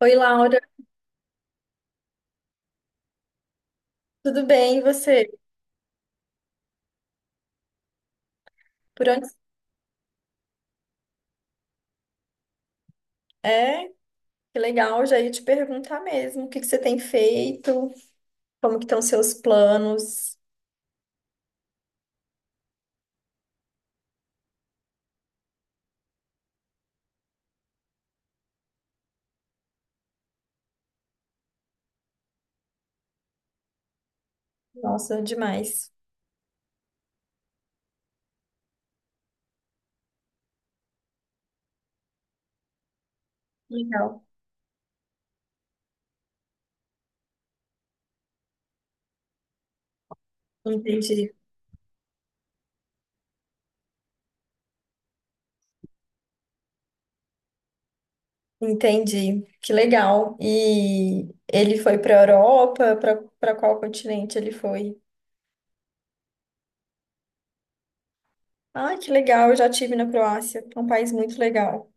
Oi, Laura, tudo bem? E você? Por onde? É, que legal, já ia te perguntar mesmo, o que que você tem feito? Como que estão seus planos? Nossa, demais. Legal. Entendi. Entendi. Que legal. E ele foi para a Europa? Para qual continente ele foi? Ah, que legal, eu já tive na Croácia. É um país muito legal.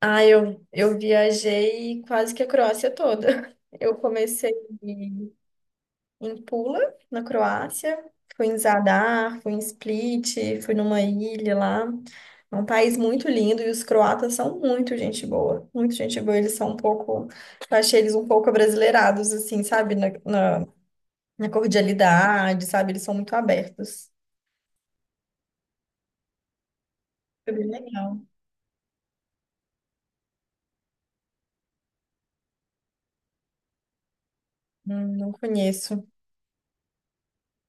Ah, eu viajei quase que a Croácia toda. Eu comecei em Pula, na Croácia. Fui em Zadar, fui em Split, fui numa ilha lá. É um país muito lindo e os croatas são muito gente boa. Muito gente boa. Eles são um pouco. Eu achei eles um pouco abrasileirados, assim, sabe? Na, na cordialidade, sabe? Eles são muito abertos. Foi bem legal. Não conheço.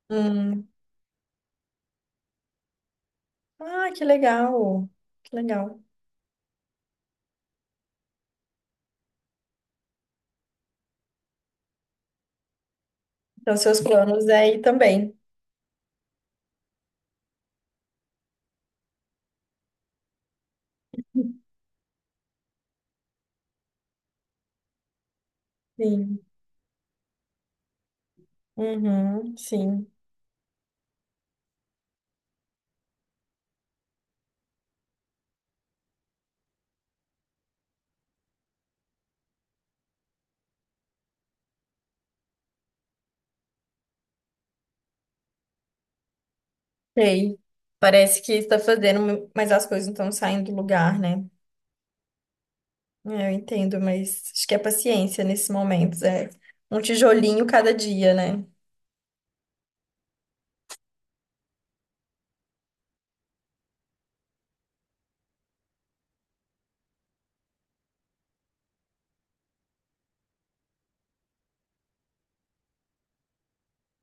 Hum. Ah, que legal. Que legal. Então, seus planos é ir também. Sim. Uhum, sim. Sei. Parece que está fazendo, mas as coisas não estão saindo do lugar, né? É, eu entendo, mas acho que é paciência nesses momentos. É um tijolinho cada dia, né?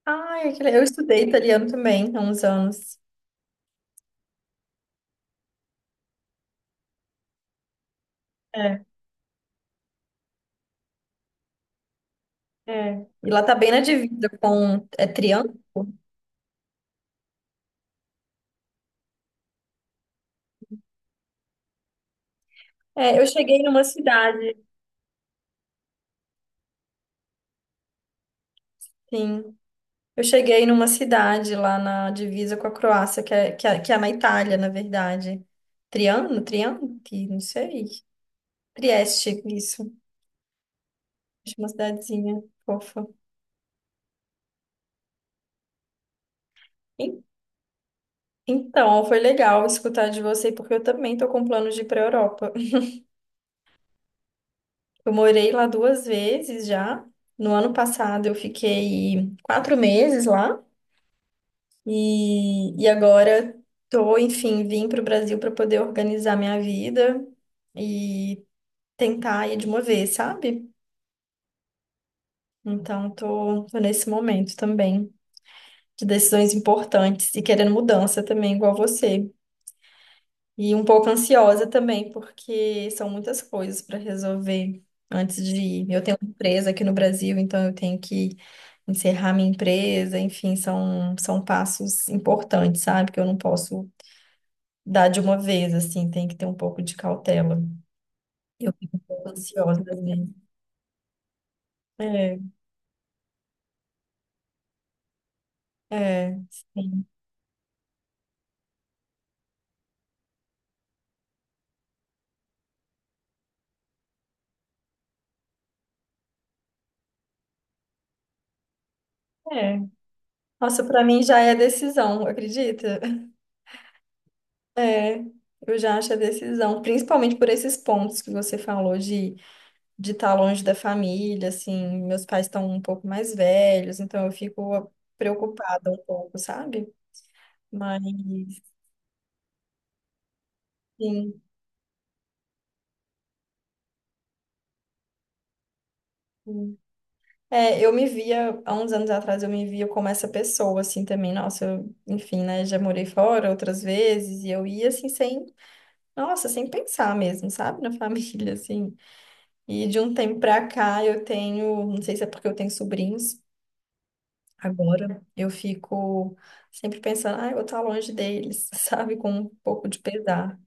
Ai, eu estudei italiano também há uns anos. É, é. E lá tá bem na divisa com é Triano? É, eu cheguei numa cidade, sim. Eu cheguei numa cidade lá na divisa com a Croácia, que é na Itália, na verdade. Triano? Triano? Não sei. Trieste, isso. De uma cidadezinha fofa. En- Então, foi legal escutar de você, porque eu também tô com planos de ir para a Europa. Eu morei lá 2 vezes já. No ano passado eu fiquei 4 meses lá e agora tô, enfim, vim para o Brasil para poder organizar minha vida e tentar ir de uma vez, sabe? Então, tô nesse momento também de decisões importantes e querendo mudança também, igual você. E um pouco ansiosa também, porque são muitas coisas para resolver antes de ir. Eu tenho uma empresa aqui no Brasil, então eu tenho que encerrar minha empresa, enfim, são passos importantes, sabe? Que eu não posso dar de uma vez, assim, tem que ter um pouco de cautela. Eu fico um pouco ansiosa às vezes. É, é, sim. É. Nossa, para mim já é decisão, acredita? É, eu já acho a decisão, principalmente por esses pontos que você falou de estar longe da família, assim, meus pais estão um pouco mais velhos, então eu fico preocupada um pouco, sabe? Mas, sim. Sim. É, eu me via, há uns anos atrás, eu me via como essa pessoa, assim, também. Nossa, eu, enfim, né, já morei fora outras vezes e eu ia, assim, sem, nossa, sem pensar mesmo, sabe? Na família, assim. E de um tempo pra cá eu tenho, não sei se é porque eu tenho sobrinhos, agora eu fico sempre pensando, ah, eu vou estar longe deles, sabe? Com um pouco de pesar.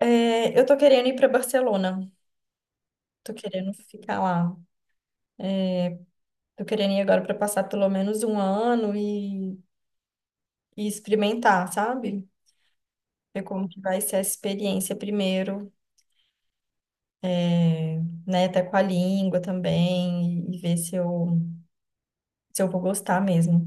É, eu tô querendo ir para Barcelona, tô querendo ficar lá. Tô querendo ir agora para passar pelo menos um ano e experimentar, sabe? Ver como que vai ser a experiência primeiro, é, né? Até com a língua também, e ver se eu vou gostar mesmo.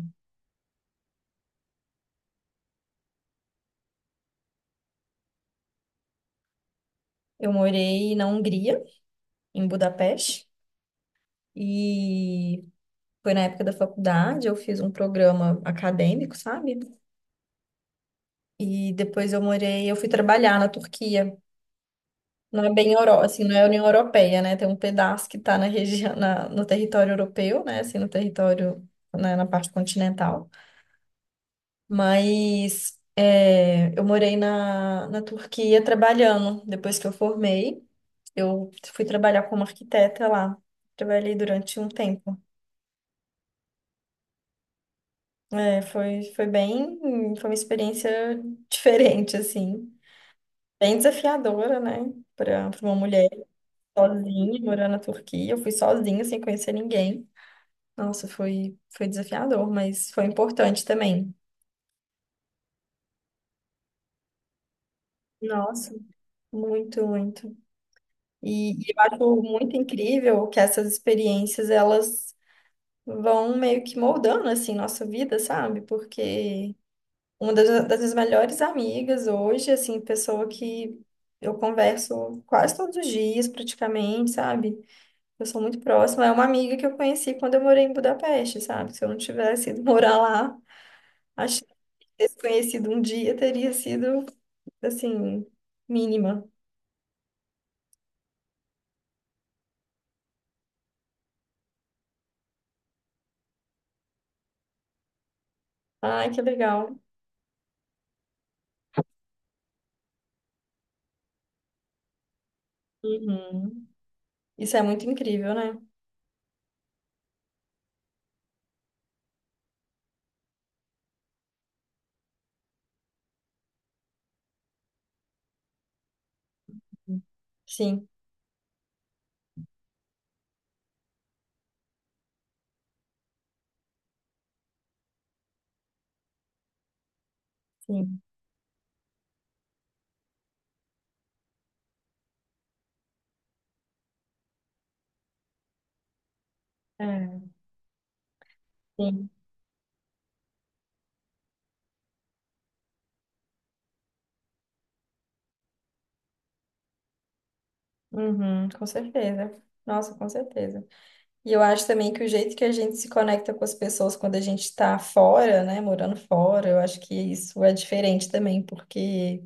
Eu morei na Hungria, em Budapeste, e foi na época da faculdade, eu fiz um programa acadêmico, sabe? E depois eu morei, eu fui trabalhar na Turquia. Não é bem Euro, assim, não é União Europeia, né? Tem um pedaço que está na região, no território europeu, né? Assim, no território, né, na parte continental. Mas é, eu morei na Turquia trabalhando. Depois que eu formei, eu fui trabalhar como arquiteta lá. Trabalhei durante um tempo. É, foi bem, foi uma experiência diferente, assim. Bem desafiadora, né? Para uma mulher sozinha, morando na Turquia. Eu fui sozinha, sem conhecer ninguém. Nossa, foi desafiador, mas foi importante também. Nossa, muito, muito. E eu acho muito incrível que essas experiências, elas vão meio que moldando, assim, nossa vida, sabe? Porque uma das minhas melhores amigas hoje, assim, pessoa que eu converso quase todos os dias, praticamente, sabe? Eu sou muito próxima. É uma amiga que eu conheci quando eu morei em Budapeste, sabe? Se eu não tivesse ido morar lá, acho que ter se conhecido um dia teria sido, assim, mínima. Ai, que legal. Uhum. Isso é muito incrível, né? Sim, sim. É, sim. Uhum, com certeza. Nossa, com certeza. E eu acho também que o jeito que a gente se conecta com as pessoas quando a gente está fora, né? Morando fora, eu acho que isso é diferente também, porque.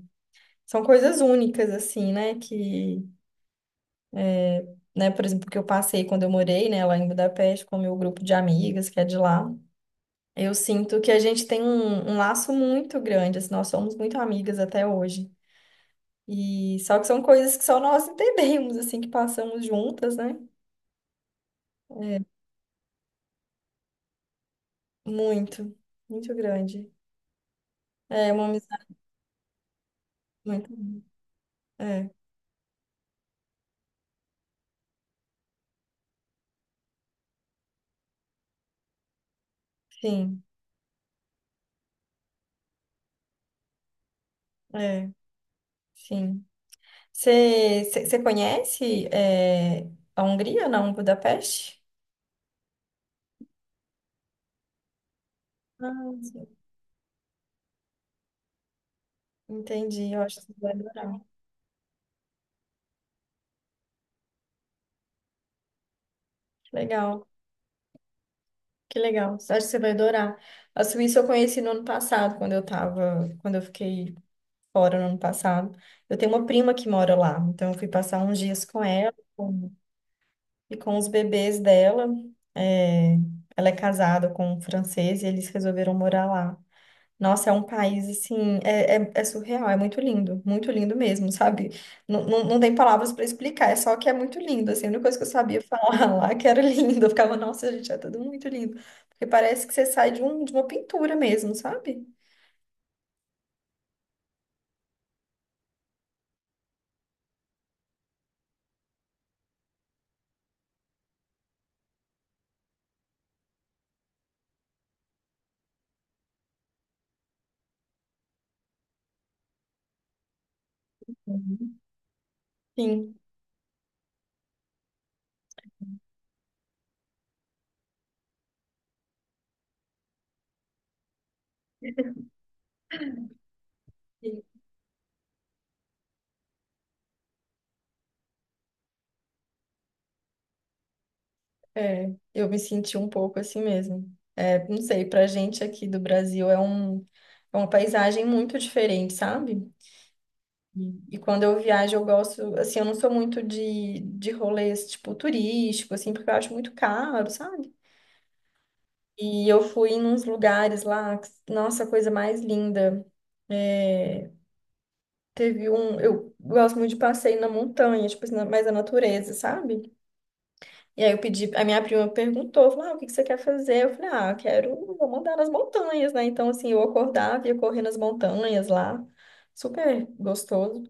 São coisas únicas, assim, né? Que, né, por exemplo, que eu passei quando eu morei, né, lá em Budapeste com o meu grupo de amigas, que é de lá. Eu sinto que a gente tem um laço muito grande, assim, nós somos muito amigas até hoje. E só que são coisas que só nós entendemos, assim, que passamos juntas, né? Muito, muito grande. É uma amizade muito. É, sim, é, sim. Você conhece é, a Hungria, não? Budapeste? Ah, entendi, eu acho que você vai adorar. Que legal, que legal. Acho que você vai adorar. A Suíça eu conheci no ano passado, quando eu tava, quando eu fiquei fora no ano passado. Eu tenho uma prima que mora lá, então eu fui passar uns dias com ela e com os bebês dela. É, ela é casada com um francês e eles resolveram morar lá. Nossa, é um país assim, é surreal, é muito lindo mesmo, sabe? Não tem palavras para explicar, é só que é muito lindo, assim, a única coisa que eu sabia falar lá que era lindo, eu ficava, nossa, gente, é tudo muito lindo, porque parece que você sai de uma pintura mesmo, sabe? Uhum. Sim, sim, é, eu me senti um pouco assim mesmo. É, não sei, pra gente aqui do Brasil é um, é uma paisagem muito diferente, sabe? E quando eu viajo, eu gosto, assim, eu não sou muito de rolês, tipo, turístico, assim, porque eu acho muito caro, sabe? E eu fui em uns lugares lá, nossa, a coisa mais linda. É, teve um, eu gosto muito de passeio na montanha, tipo assim, mais na natureza, sabe? E aí eu pedi, a minha prima perguntou, falou, ah, o que que você quer fazer? Eu falei, ah, eu quero, vou mandar nas montanhas, né? Então, assim, eu acordava e ia correr nas montanhas lá, super gostoso.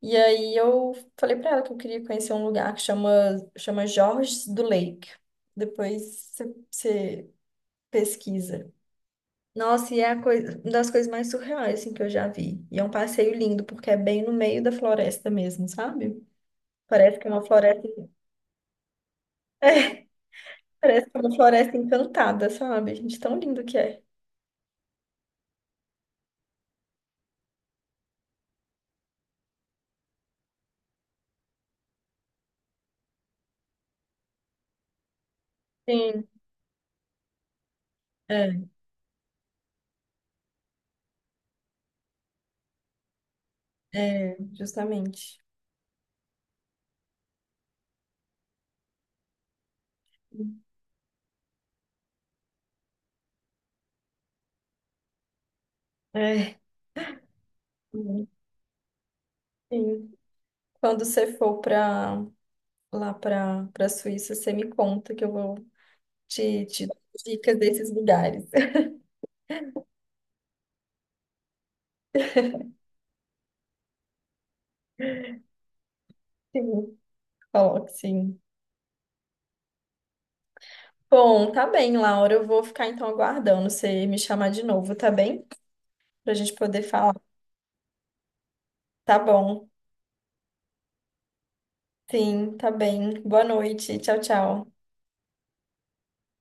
E aí eu falei pra ela que eu queria conhecer um lugar que chama Jorges do Lake. Depois você pesquisa. Nossa, e é a coisa, uma das coisas mais surreais assim, que eu já vi. E é um passeio lindo, porque é bem no meio da floresta mesmo, sabe? Parece que é uma floresta, parece que é uma floresta encantada, sabe? Gente, tão lindo que é. Sim. É, é, justamente. É. Sim. Quando você for pra, lá para Suíça, você me conta que eu vou Te dou dicas desses lugares. Sim, coloque sim. Bom, tá bem, Laura. Eu vou ficar então aguardando você me chamar de novo, tá bem? Pra gente poder falar. Tá bom. Sim, tá bem. Boa noite. Tchau, tchau.